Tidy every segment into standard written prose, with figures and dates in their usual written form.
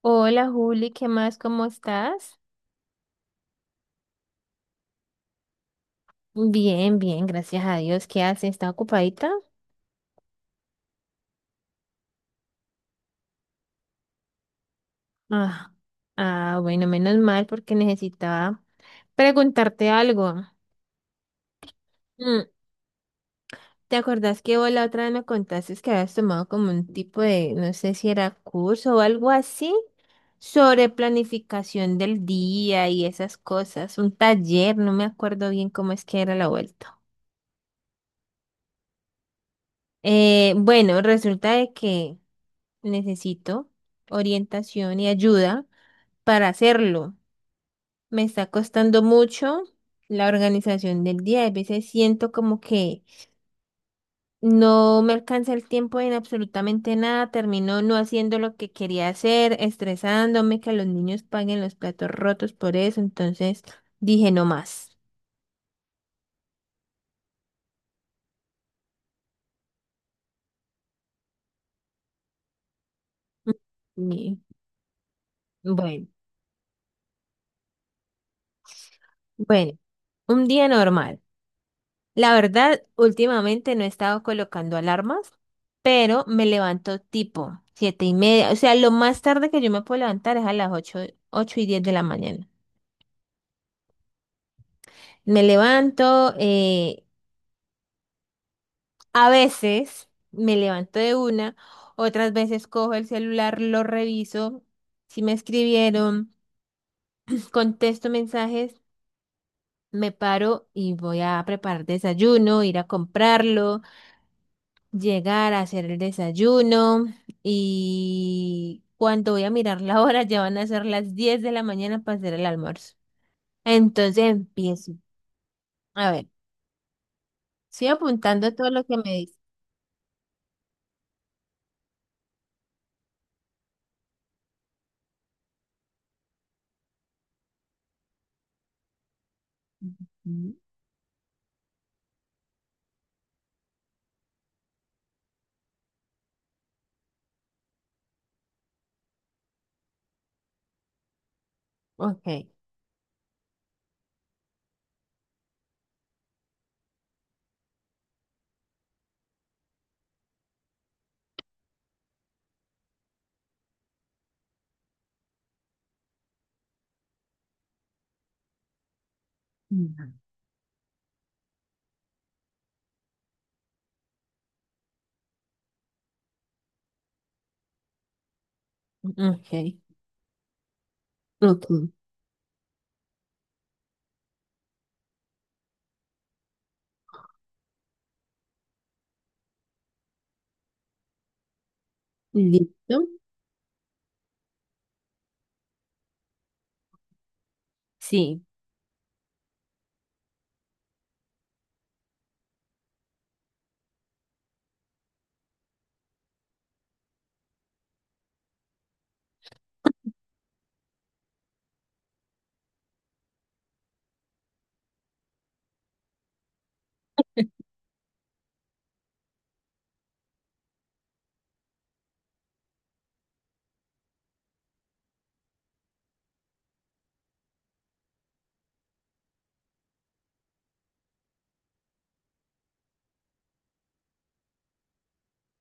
Hola Juli, ¿qué más? ¿Cómo estás? Bien, bien, gracias a Dios. ¿Qué haces? ¿Está ocupadita? Ah, ah, bueno, menos mal porque necesitaba preguntarte algo. Mm. ¿Te acordás que vos la otra vez me contaste que habías tomado como un tipo de, no sé si era curso o algo así, sobre planificación del día y esas cosas? Un taller, no me acuerdo bien cómo es que era la vuelta. Bueno, resulta de que necesito orientación y ayuda para hacerlo. Me está costando mucho la organización del día. A veces siento como que no me alcanza el tiempo en absolutamente nada. Termino no haciendo lo que quería hacer, estresándome que los niños paguen los platos rotos por eso. Entonces dije no más. Y bueno, bueno, un día normal. La verdad, últimamente no he estado colocando alarmas, pero me levanto tipo 7:30. O sea, lo más tarde que yo me puedo levantar es a las ocho, 8:10 de la mañana. Me levanto, eh, a veces me levanto de una, otras veces cojo el celular, lo reviso, si me escribieron, pues, contesto mensajes, me paro y voy a preparar desayuno, ir a comprarlo. Llegar a hacer el desayuno y cuando voy a mirar la hora ya van a ser las 10 de la mañana para hacer el almuerzo. Entonces empiezo. A ver, estoy apuntando todo lo que me dice. Ujú. Ok. Ujú. Ok. Ok. Listo. Sí.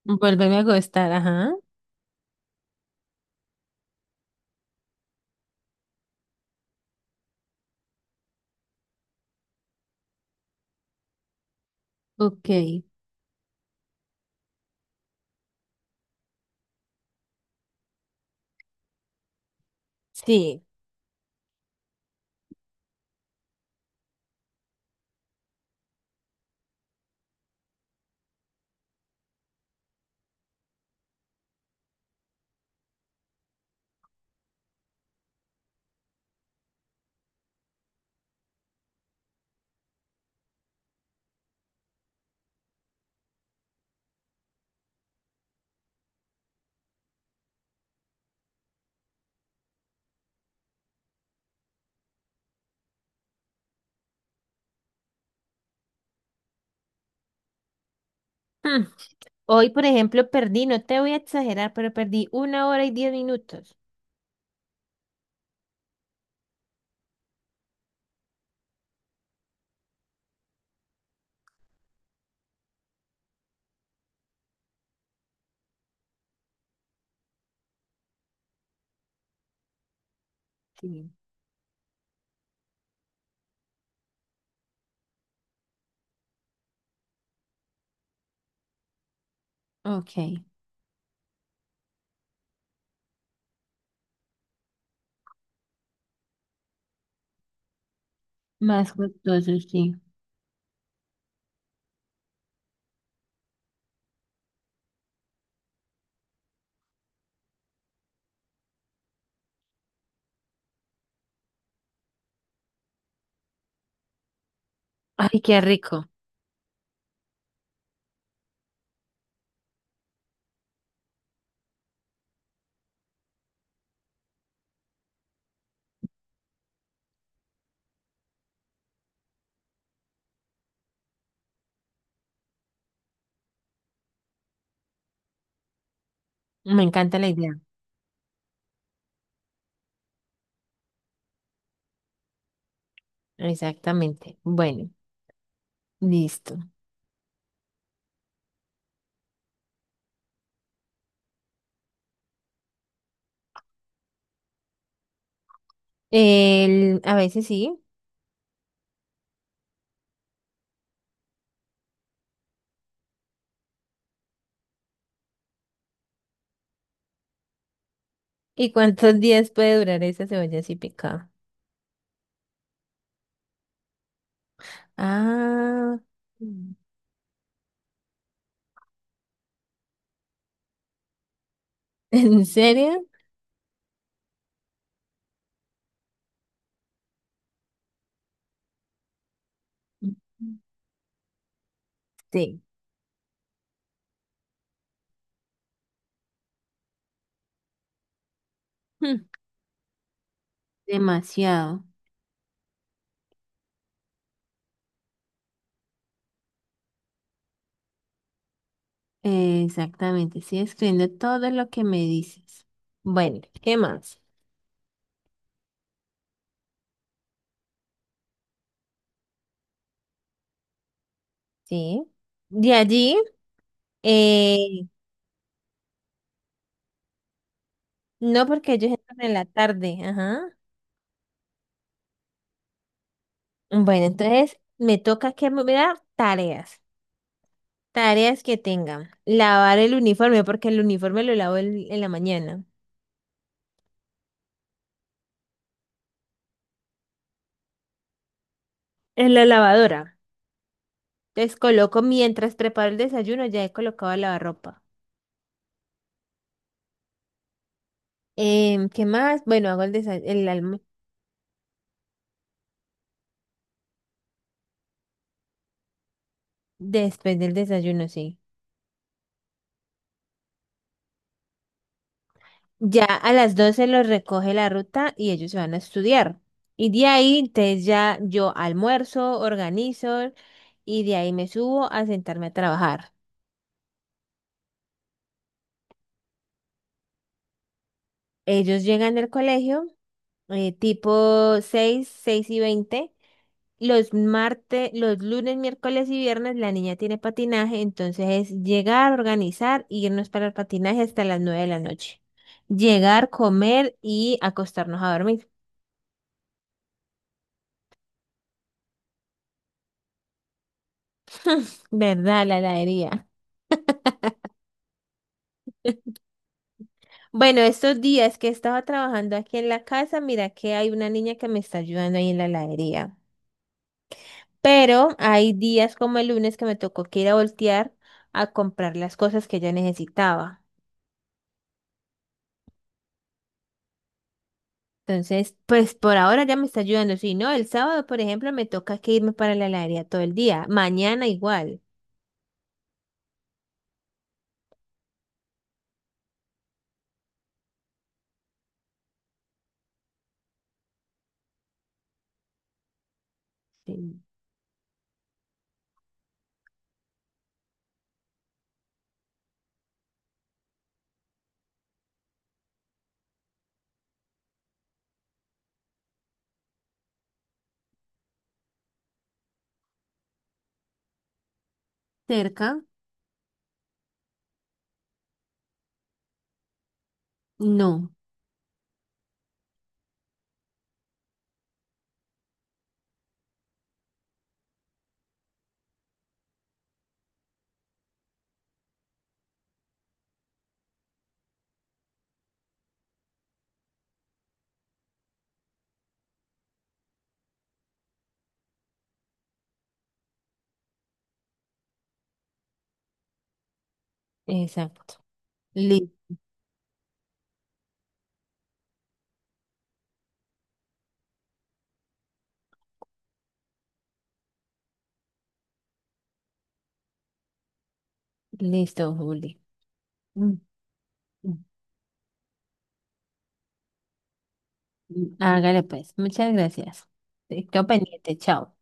Volverme a acostar, ajá. Ok. Sí. Mm. Hoy, por ejemplo, perdí, no te voy a exagerar, pero perdí una hora y 10 minutos. Sí. Ok. Más costoso, sí. Ay, qué rico. Me encanta la idea. Exactamente. Bueno, listo. El, a veces sí. ¿Y cuántos días puede durar esa cebolla así picada? Ah, mm. ¿En serio? Mm. Sí. Hmm. Demasiado. Exactamente. Estoy escribiendo todo lo que me dices. Bueno, ¿qué más? Sí. De allí, eh, no porque ellos entran en la tarde. Ajá. Bueno, entonces me toca que me dar tareas. Tareas que tengan. Lavar el uniforme, porque el uniforme lo lavo en la mañana. En la lavadora. Entonces coloco, mientras preparo el desayuno, ya he colocado la lavarropa. ¿Qué más? Bueno, hago el desa- el alm- después del desayuno, sí. Ya a las 12 los recoge la ruta y ellos se van a estudiar. Y de ahí, entonces ya yo almuerzo, organizo y de ahí me subo a sentarme a trabajar. Ellos llegan del colegio, tipo seis, 6:20. Los martes, los lunes, miércoles y viernes la niña tiene patinaje, entonces es llegar, organizar, irnos para el patinaje hasta las 9 de la noche. Llegar, comer y acostarnos a dormir. ¿Verdad, la heladería? Bueno, estos días que estaba trabajando aquí en la casa, mira que hay una niña que me está ayudando ahí en la heladería. Pero hay días como el lunes que me tocó que ir a voltear a comprar las cosas que ella necesitaba. Entonces, pues por ahora ya me está ayudando. Si no, el sábado, por ejemplo, me toca que irme para la heladería todo el día. Mañana igual. Sí. ¿Cerca? No. Exacto. Listo. Listo, Juli. Mm, mm, mm. Hágale pues. Muchas gracias. Quedo pendiente. Chao.